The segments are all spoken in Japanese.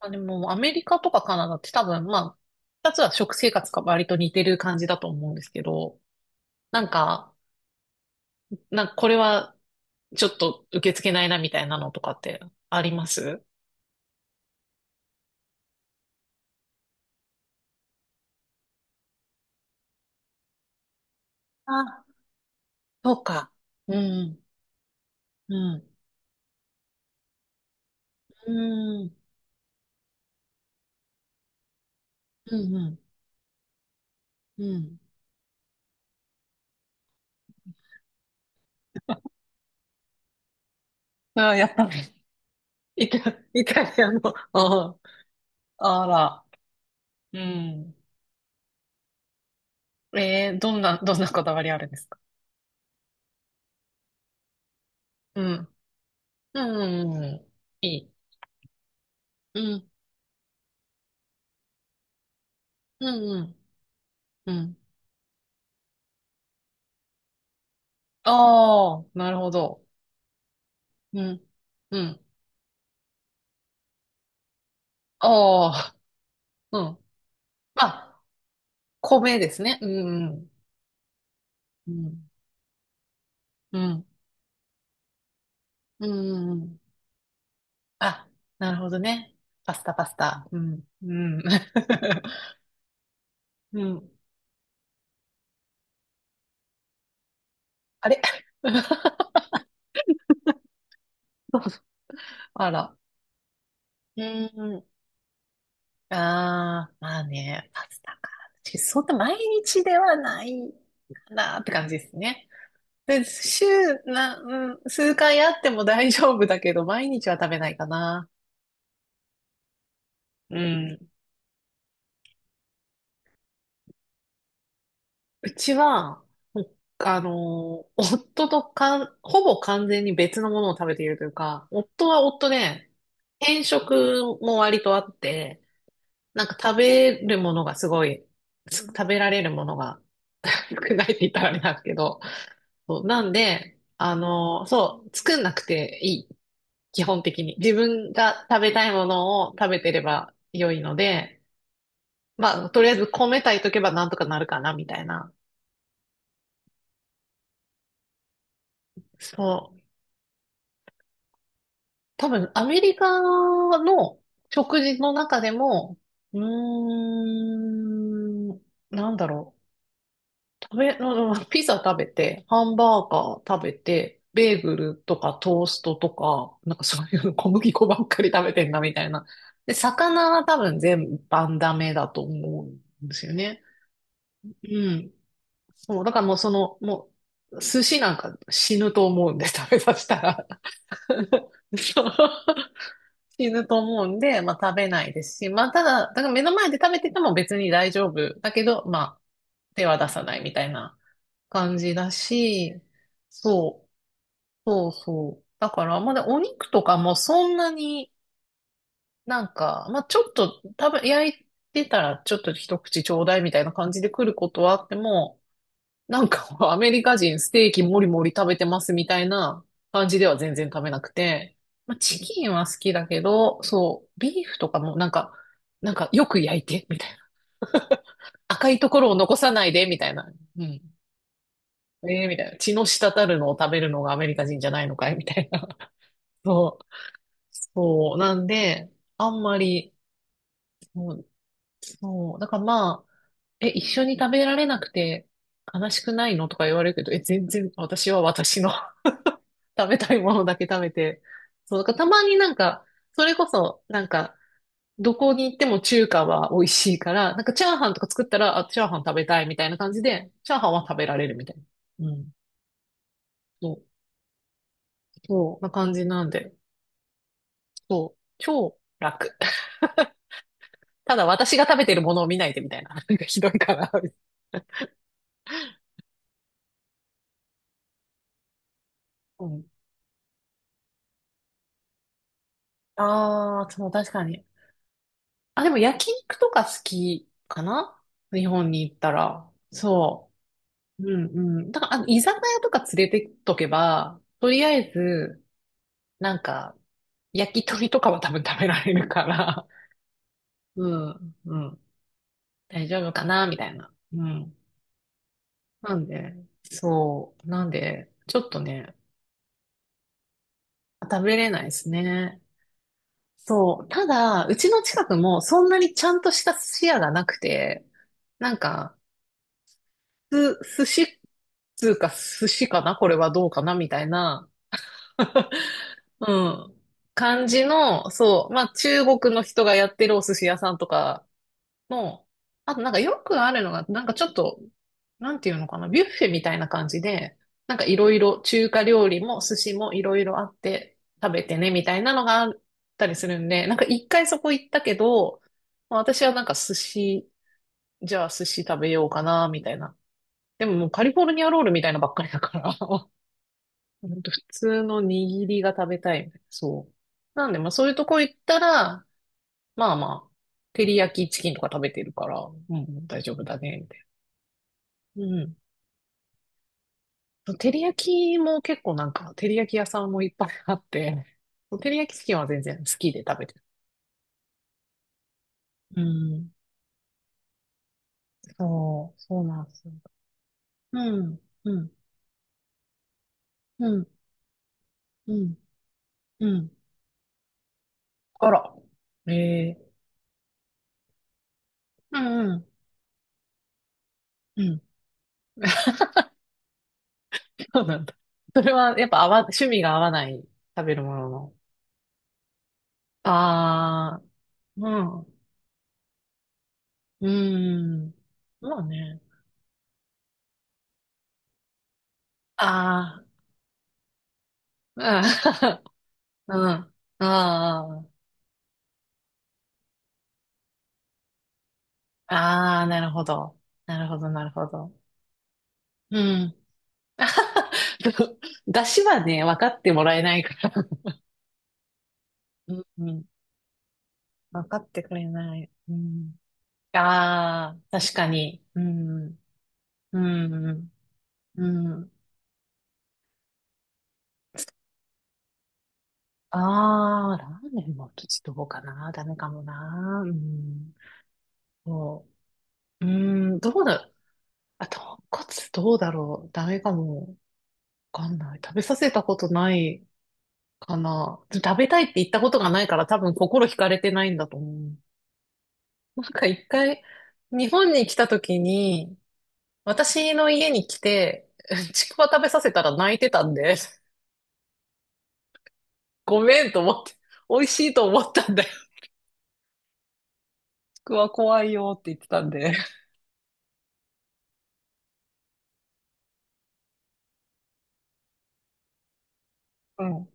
まあ、でも、アメリカとかカナダって多分、まあ、二つは食生活が割と似てる感じだと思うんですけど、なんか、なんかこれはちょっと受け付けないなみたいなのとかってあります。あ、そうか。うん、うん、うん、うん、うん。うん。あ、やっぱり。イタ、イタリアの、ああ、あら。うん。どんなこだわりあるんですか。うん、うん、うんうんいい。うん、うん、うん。うん。ああ、なるほど。うん。うん。ああ、うん。まあ、米ですね。うん。うん。うん。うん。うんうんああうんまあ米ですねうんうんうんうんうん。あ、なるほどね。パスタ、パスタ。うん。うん。うん。あれ そうそうあら。うん。ああ、まあね、パスタか。確かにそんな毎日ではないかなって感じですね。で、週な、うん、数回あっても大丈夫だけど、毎日は食べないかな。うん。うちは、ほあの、夫とかん、ほぼ完全に別のものを食べているというか、夫は夫で、偏食も割とあって、なんか食べるものがすごい、食べられるものが 少ないって言ったらあれなんですけど、そうなんで、あの、そう、作んなくていい。基本的に。自分が食べたいものを食べてれば良いので、まあ、とりあえず米炊いとけばなんとかなるかな、みたいな。そう。多分、アメリカの食事の中でも、うーん、なんだろう。うんピザ食べて、ハンバーガー食べて、ベーグルとかトーストとか、なんかそういうの小麦粉ばっかり食べてんな、みたいな。で、魚は多分全般ダメだと思うんですよね。うん。そう、だからもうその、もう、寿司なんか死ぬと思うんで、食べさせたら。そう。死ぬと思うんで、まあ食べないですし、まあただ、だから目の前で食べてても別に大丈夫。だけど、まあ手は出さないみたいな感じだし、そう、そうそう。だから、まだお肉とかもそんなになんか、まあちょっと焼いてたらちょっと一口ちょうだいみたいな感じで来ることはあっても、なんか、アメリカ人ステーキもりもり食べてますみたいな感じでは全然食べなくて、まあ、チキンは好きだけど、そう、ビーフとかもなんか、なんかよく焼いて、みたいな。赤いところを残さないで、みたいな。うん。ええみたいな。血の滴るのを食べるのがアメリカ人じゃないのかいみたいな。そう。そう。なんで、あんまり、そう、そうだからまあ、え、一緒に食べられなくて悲しくないのとか言われるけど、え、全然私は私の食べたいものだけ食べて。そう、だからたまになんか、それこそ、なんか、どこに行っても中華は美味しいから、なんかチャーハンとか作ったら、あ、チャーハン食べたいみたいな感じで、チャーハンは食べられるみたいな。うん。そう、そう、な感じなんで、そう、超楽。ただ私が食べてるものを見ないでみたいな。なんかひどいかな。うん。ああ、そう、確かに。あ、でも焼肉とか好きかな、日本に行ったら。そう。うんうん。だから、あの、居酒屋とか連れてっとけば、とりあえず、なんか、焼き鳥とかは多分食べられるから、うん、うん、大丈夫かな、みたいな。うん。なんで、そう。なんで、ちょっとね、食べれないですね。そう。ただ、うちの近くもそんなにちゃんとした寿司屋がなくて、なんか、寿司、つうか寿司かなこれはどうかなみたいな。うん。感じの、そう、まあ中国の人がやってるお寿司屋さんとかの、あとなんかよくあるのが、なんかちょっと、なんていうのかな、ビュッフェみたいな感じで、なんかいろいろ中華料理も寿司もいろいろあって食べてねみたいなのがあったりするんで、なんか一回そこ行ったけど、まあ私はなんか寿司、じゃあ寿司食べようかな、みたいな。でももうカリフォルニアロールみたいなばっかりだから、ほんと普通の握りが食べたいみたいな。そう。なんで、まあそういうとこ行ったら、まあまあ、照り焼きチキンとか食べてるから、うん、大丈夫だね、みたいな。うん。照り焼きも結構なんか、照り焼き屋さんもいっぱいあって、照り焼きチキンは全然好きで食べてる。うん。そう、そうなんですよ。うん、うん、うん、うん、うん。あら。ええうんうん、うん。そうなんだ。それはやっぱ趣味が合わない、食べるものの。ああ、うん、うーん。まあね。ああ、うん、うん。ああ、ああ、なるほど。なるほど、なるほど。うん。出汁はね、分かってもらえないから。うん、うん。分かってくれない。うん。ああ、確かに。うん、うん、うん。ああ、ラーメンもどうかな。ダメかもな。うん。そう。うん、どうだ。あ、豚カツどうだろう。ダメかも。わかんない。食べさせたことないかな。食べたいって言ったことがないから多分心惹かれてないんだと思う。なんか一回、日本に来た時に、私の家に来て、ちくわ食べさせたら泣いてたんで、ごめんと思って、美味しいと思ったんだよ。ちくわ怖いよって言ってたんで。うん。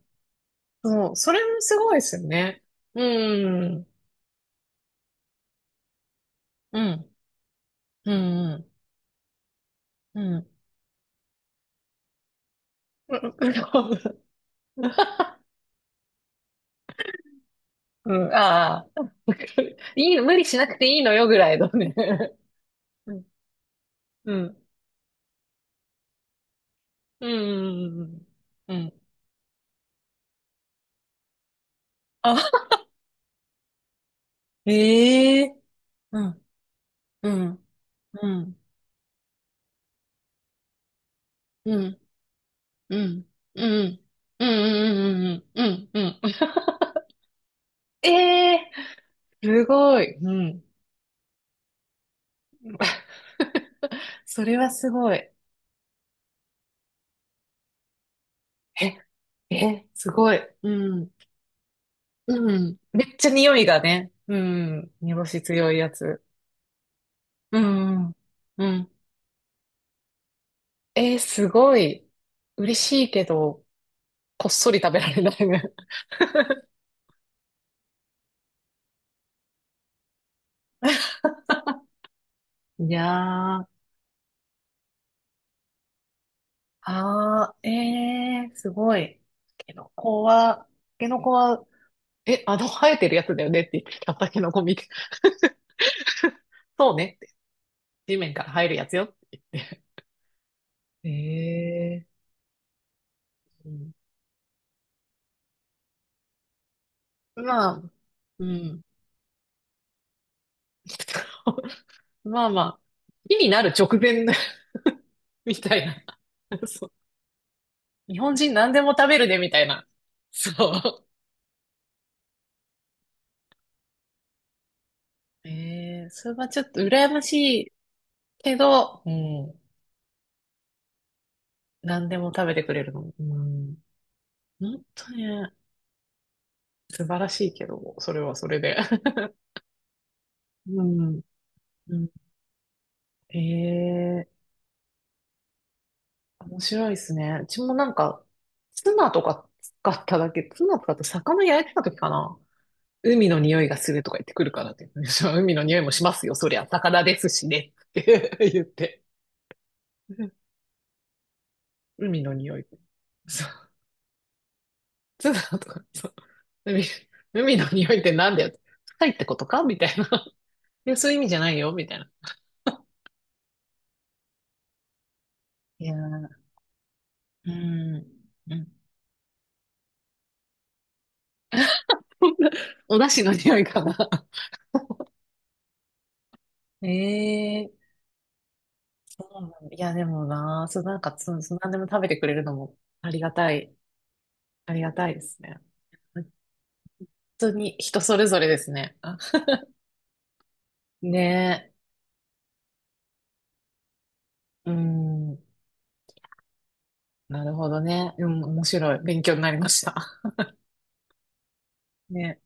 そう、それもすごいですよね。うん。うん。うん。うん。うん。うん うん、ああ。わかるいい、無理しなくていいのよぐらいのね。うん、うん、うん、うん、うん。うん。あ、ええうん、うん、うん、うん、うん、うん、うん、うん、うん、うん、うん。ええすごい。うん。それはすごい。え、え、すごい。うん、うん。めっちゃ匂いがね。うん。煮干し強いやつ。うん、うん、すごい。嬉しいけど、こっそり食べられないね。いやー、あー、すごい。タケノコは、タケノコは、え、あの生えてるやつだよねって言ってた、タケノコ見て。そうねって。地面から生えるやつよって言って。えうん、まあ、うん。まあまあ、木になる直前 みたいな。そう。日本人何でも食べるねみたいな。そう。ええそれはちょっと羨ましいけど、うん、何でも食べてくれるの。うん、本当にね、素晴らしいけど、それはそれで。うん、うん、ええ面白いですね。うちもなんか、ツナ使って魚焼いてた時かな。海の匂いがするとか言ってくるからって言って。海の匂いもしますよ、そりゃ。魚ですしね。って 言って。海の匂い。そう。ツナとか。そう海、海の匂いってなんだよ。臭いってことかみたいな。いや、そういう意味じゃないよ、みたいな。いやー、うん。うん、お出汁の匂いかな。ええそうなんだ。いや、でもな、そう、なんか、そう、そう、何でも食べてくれるのもありがたい、ありがたいですね。本当に人それぞれですね。あねえ、うん、なるほどね。うん、面白い。勉強になりました。ね。